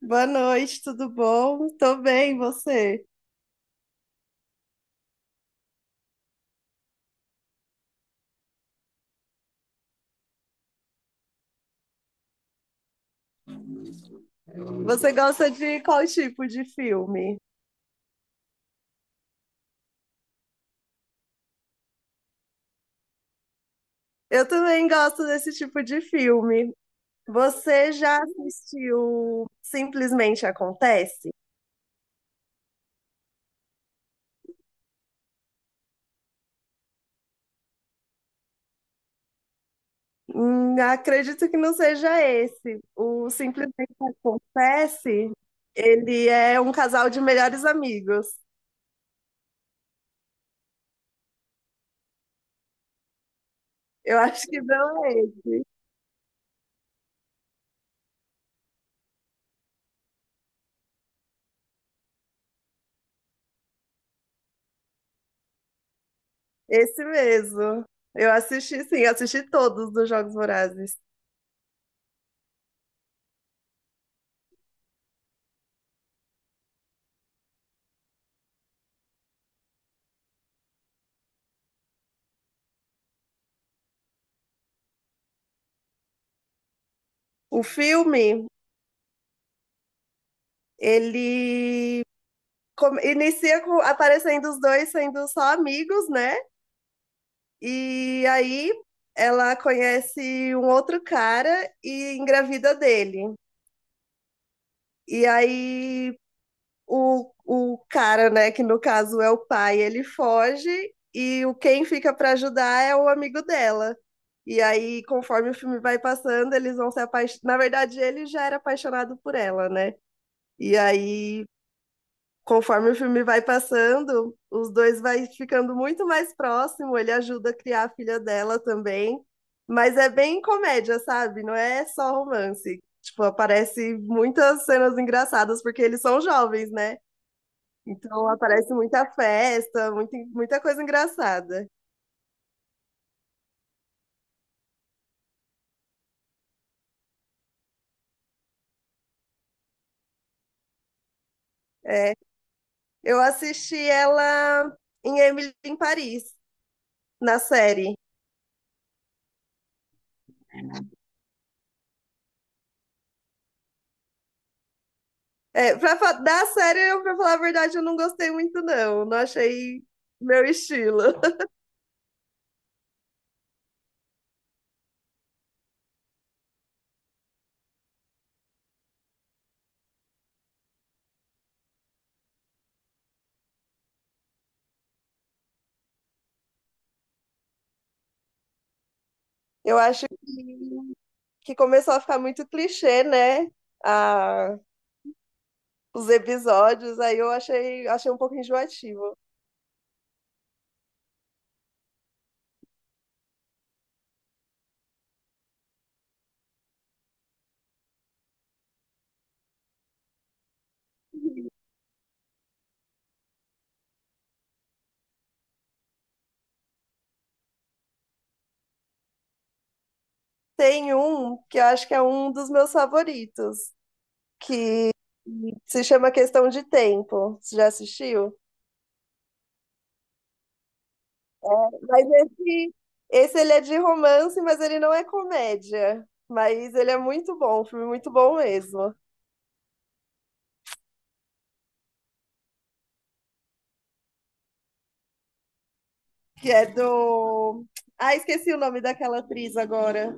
Boa noite, tudo bom? Tô bem, você? Você gosta de qual tipo de filme? Eu também gosto desse tipo de filme. Você já assistiu Simplesmente Acontece? Acredito que não seja esse. O Simplesmente Acontece, ele é um casal de melhores amigos. Eu acho que não é esse. Esse mesmo. Eu assisti, sim, assisti todos dos Jogos Vorazes. O filme. Ele inicia aparecendo os dois sendo só amigos, né? E aí ela conhece um outro cara e engravida dele. E aí o cara, né, que no caso é o pai, ele foge e o quem fica para ajudar é o amigo dela. E aí, conforme o filme vai passando, eles vão se apaixonar. Na verdade, ele já era apaixonado por ela, né? E aí conforme o filme vai passando, os dois vai ficando muito mais próximo, ele ajuda a criar a filha dela também, mas é bem comédia, sabe? Não é só romance. Tipo, aparece muitas cenas engraçadas porque eles são jovens, né? Então aparece muita festa, muita, muita coisa engraçada. É, eu assisti ela em Emily em Paris, na série. É, da série, eu, pra falar a verdade, eu não gostei muito, não. Não achei meu estilo. Eu acho que, começou a ficar muito clichê, né? A, os episódios, aí eu achei um pouco enjoativo. Tem um que eu acho que é um dos meus favoritos, que se chama Questão de Tempo. Você já assistiu? Mas esse ele é de romance, mas ele não é comédia. Mas ele é muito bom, um filme muito bom mesmo. Que é do. Ah, esqueci o nome daquela atriz agora.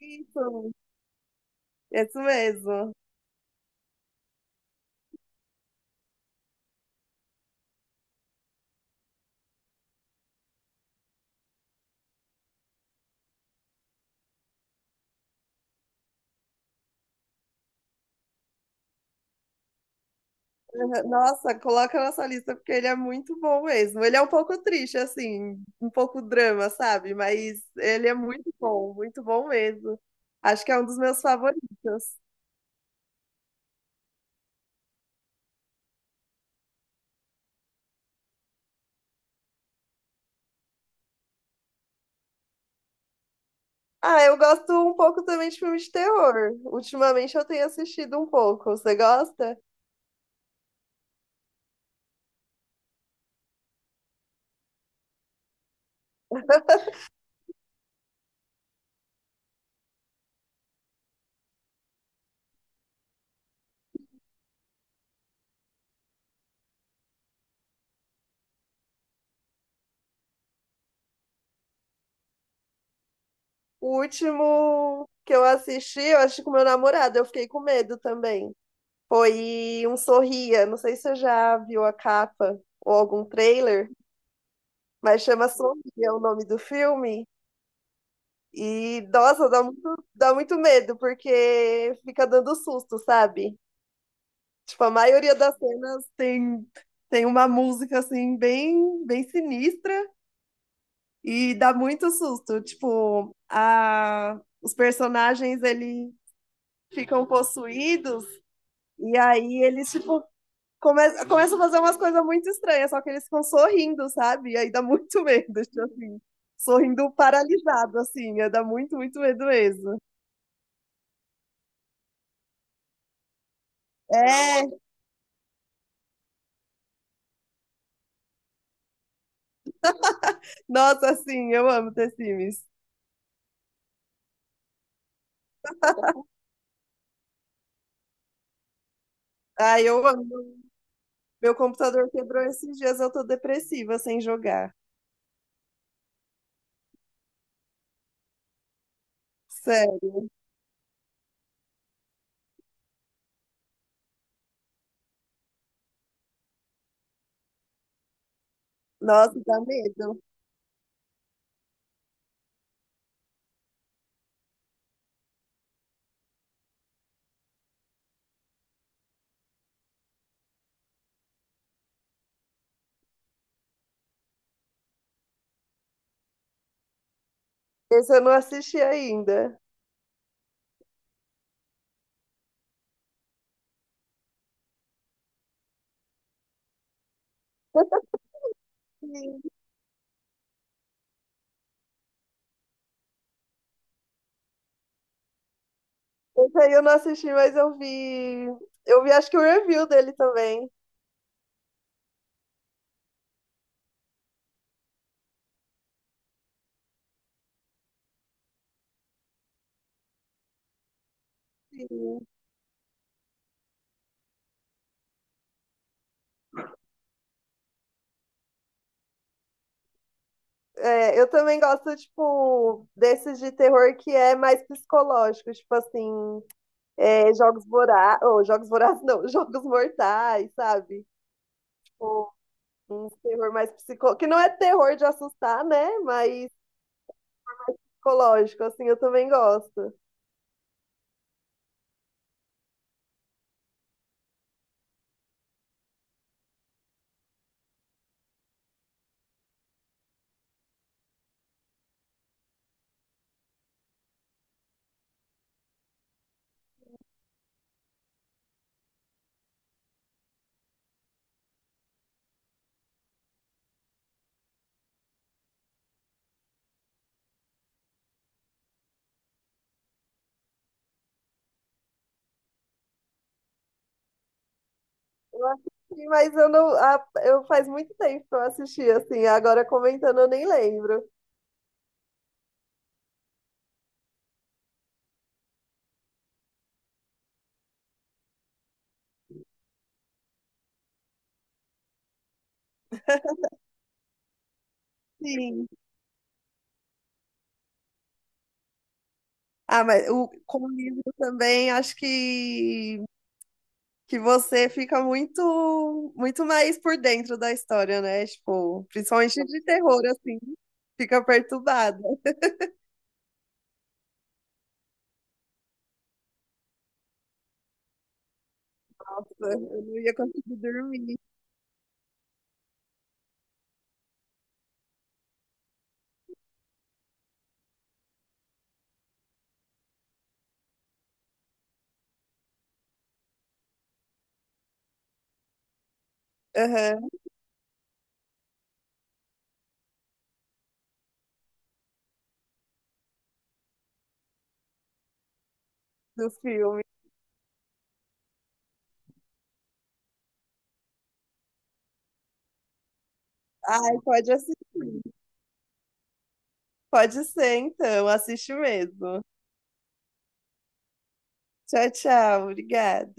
Isso, isso mesmo. Aham, nossa, coloca na sua lista porque ele é muito bom mesmo. Ele é um pouco triste, assim, um pouco drama, sabe? Mas ele é muito bom mesmo. Acho que é um dos meus favoritos. Ah, eu gosto um pouco também de filme de terror. Ultimamente eu tenho assistido um pouco. Você gosta? O último que eu assisti, eu acho que com meu namorado, eu fiquei com medo também. Foi um Sorria. Não sei se você já viu a capa ou algum trailer. Mas chama Sombria o nome do filme. E, nossa, dá muito medo, porque fica dando susto, sabe? Tipo, a maioria das cenas tem uma música, assim, bem, bem sinistra e dá muito susto. Tipo, os personagens, eles ficam possuídos e aí eles, tipo, começa a fazer umas coisas muito estranhas, só que eles ficam sorrindo, sabe? E aí dá muito medo, tipo assim. Sorrindo paralisado, assim, é, dá muito, muito medo mesmo. É, nossa, assim, eu amo The Sims. Ai, eu amo. Meu computador quebrou esses dias, eu tô depressiva sem jogar. Sério. Nossa, dá medo. Esse eu não assisti ainda. Sim, esse aí eu não assisti, mas eu vi. Eu vi, acho que o review dele também. Sim. É, eu também gosto, tipo, desses de terror que é mais psicológico, tipo assim, é, Jogos Vorazes, ou Jogos Vorazes não, Jogos Mortais, sabe? Tipo, um terror mais psicológico, que não é terror de assustar, né? Mas psicológico, assim, eu também gosto. Eu assisti, mas eu não, ah, eu faz muito tempo que eu assisti, assim, agora comentando eu nem lembro. Sim. Ah, mas com o livro também, acho que você fica muito muito mais por dentro da história, né? Tipo, principalmente de terror, assim, fica perturbada. Nossa, eu não ia conseguir dormir. Aham, do filme. Ai, pode assistir. Pode ser, então, assiste mesmo. Tchau, tchau. Obrigada.